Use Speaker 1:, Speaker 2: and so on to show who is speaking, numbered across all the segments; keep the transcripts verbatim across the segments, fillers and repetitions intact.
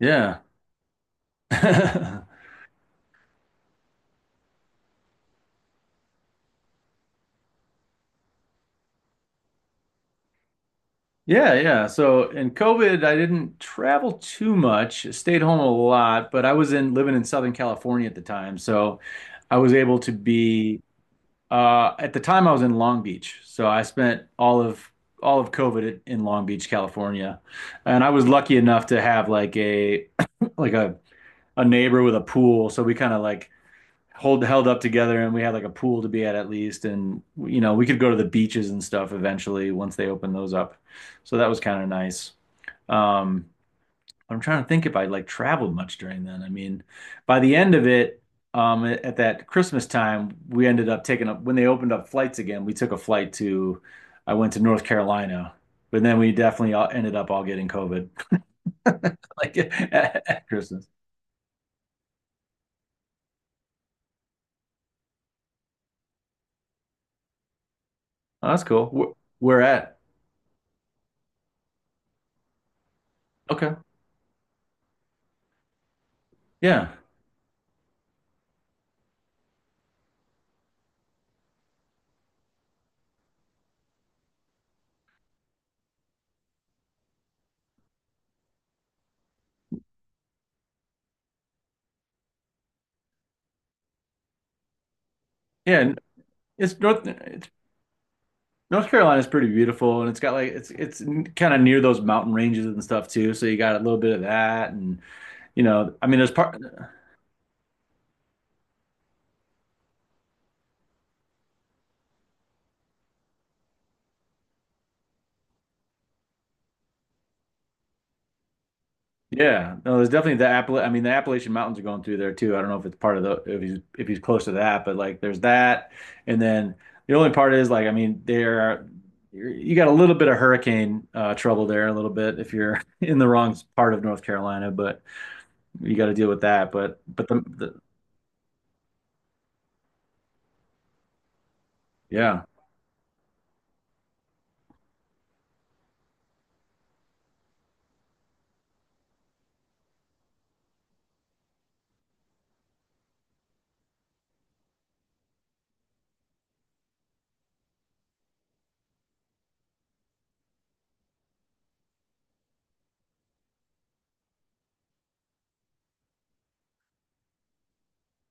Speaker 1: Yeah. Yeah, yeah. So in COVID, I didn't travel too much, stayed home a lot, but I was in living in Southern California at the time. So I was able to be uh at the time I was in Long Beach. So I spent all of all of COVID at- in Long Beach, California. And I was lucky enough to have like a like a a neighbor with a pool, so we kind of like hold held up together, and we had like a pool to be at at least. And you know we could go to the beaches and stuff eventually once they opened those up, so that was kind of nice. um I'm trying to think if I like traveled much during then. I mean, by the end of it, um at at that Christmas time we ended up taking up when they opened up flights again, we took a flight to, I went to North Carolina, but then we definitely all ended up all getting COVID like at, at Christmas. Oh, that's cool. Wh- where at? Okay. Yeah, yeah. And it's north it's North Carolina is pretty beautiful, and it's got like it's it's kind of near those mountain ranges and stuff too. So you got a little bit of that. And you know, I mean, there's part. Yeah, no, there's definitely the Appala. I mean, the Appalachian Mountains are going through there too. I don't know if it's part of the, if he's if he's close to that, but like there's that, and then the only part is like, I mean, there are you got a little bit of hurricane uh, trouble there a little bit if you're in the wrong part of North Carolina. But you got to deal with that. But but the, the Yeah.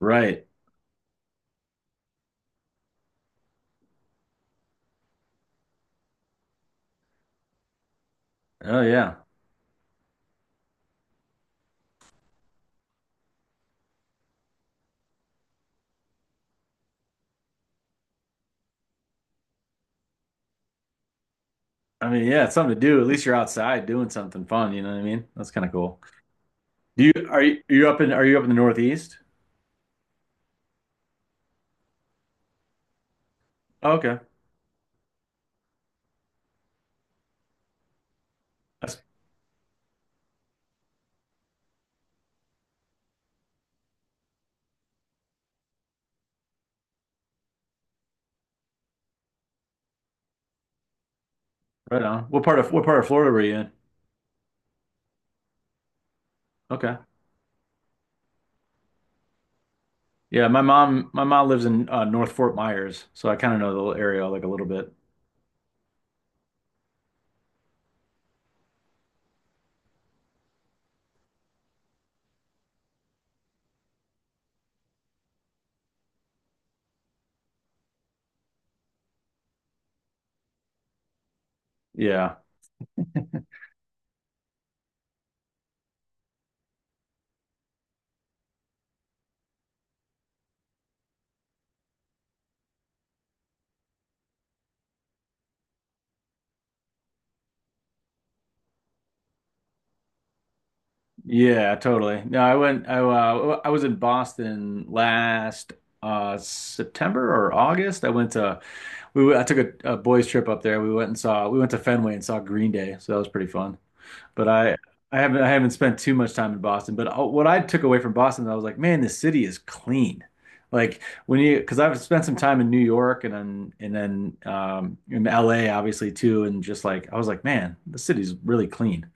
Speaker 1: Right. Oh yeah. I mean, yeah, it's something to do. At least you're outside doing something fun. You know what I mean? That's kind of cool. Do you are you are you up in are you up in the Northeast? Oh, okay, that's right on. What part of what part of Florida were you in? Okay, yeah, my mom my mom lives in uh, North Fort Myers, so I kind of know the little area like a little bit. Yeah, yeah, totally. No, I went. I uh, I was in Boston last uh September or August. I went to, we went- I took a, a boys trip up there. We went and saw we went to Fenway and saw Green Day, so that was pretty fun. But I, I haven't, I haven't spent too much time in Boston. But uh, what I took away from Boston, I was like, man, this city is clean. Like when you, because I've spent some time in New York, and then and then um, in L A obviously too, and just like I was like, man, the city's really clean.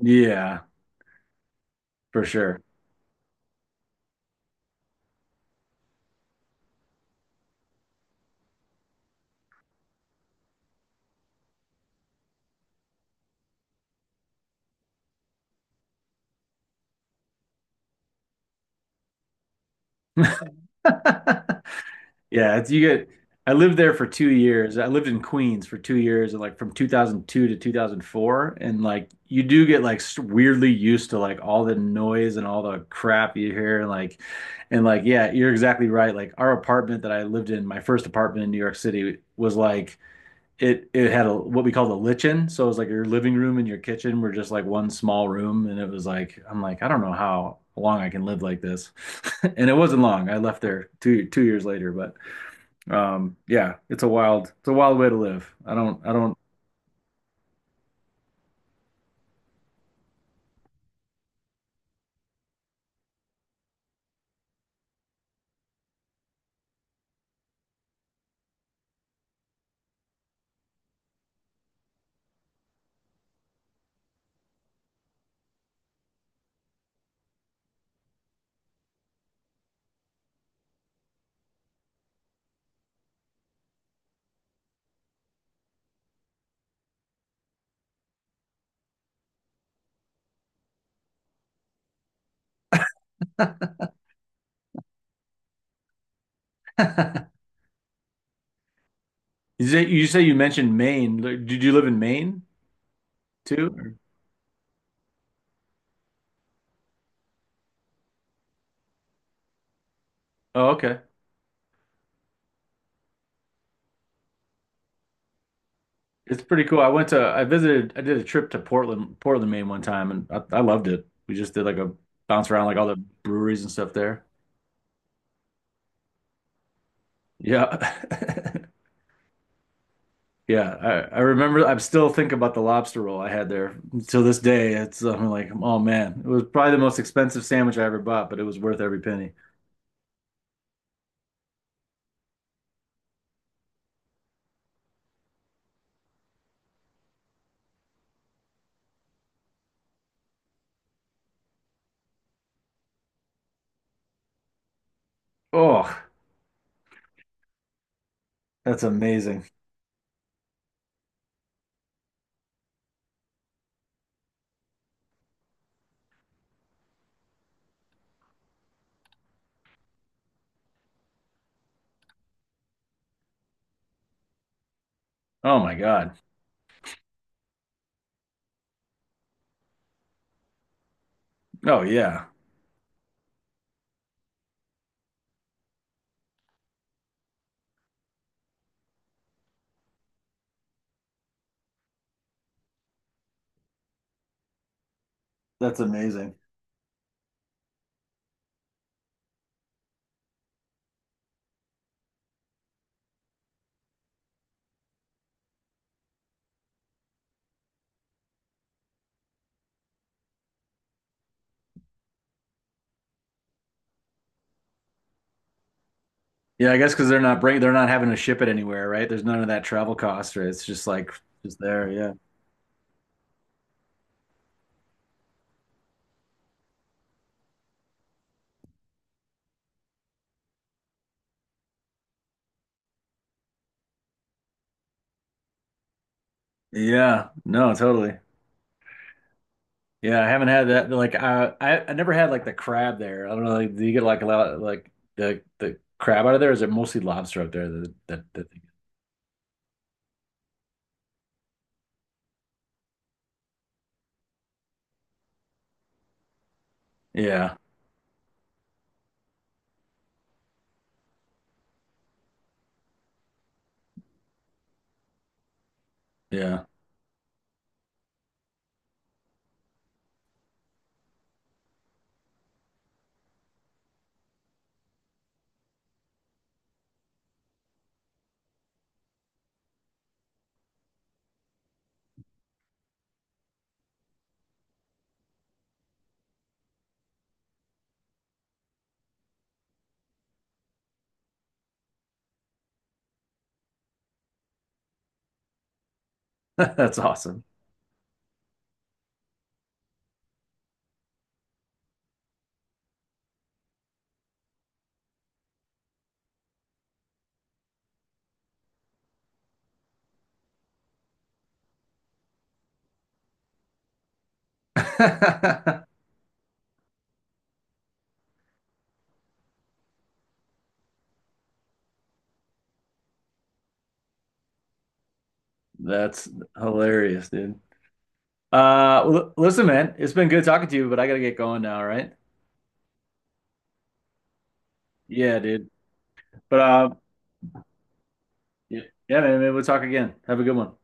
Speaker 1: Yeah, for sure. Yeah, it's you get. I lived there for two years. I lived in Queens for two years, and like from two thousand two to two thousand four, and like you do get like s- weirdly used to like all the noise and all the crap you hear. And like, and like yeah, you're exactly right. Like our apartment that I lived in, my first apartment in New York City was like, it it had a, what we called a lichen, so it was like your living room and your kitchen were just like one small room, and it was like, I'm like, I don't know how long I can live like this. And it wasn't long. I left there two two years later, but. Um, yeah, it's a wild, it's a wild way to live. I don't. I don't. You say you say you mentioned Maine. Like, did you live in Maine too? Or- Oh, okay. It's pretty cool. I went to, I visited, I did a trip to Portland, Portland, Maine one time, and I, I loved it. We just did like a bounce around, like all the breweries and stuff there. Yeah. Yeah, I, I remember. I still think about the lobster roll I had there till this day. It's, I'm like, oh man, it was probably the most expensive sandwich I ever bought, but it was worth every penny. Oh, that's amazing. Oh my God. Oh yeah. That's amazing. Yeah, I guess because they're not bring they're not having to ship it anywhere, right? There's none of that travel cost, right? It's just like just there. Yeah. Yeah. No, totally. Yeah, I haven't had that. Like, I I, I never had like the crab there. I don't know. Like, do you get like a lot, like the the crab out of there? Or is it mostly lobster up there? That that, that thing? Yeah. Yeah. That's awesome. That's hilarious, dude. Uh, well, listen, man, it's been good talking to you, but I gotta get going now, all right? Yeah, dude. But uh, Yeah. Yeah, man, maybe we'll talk again. Have a good one.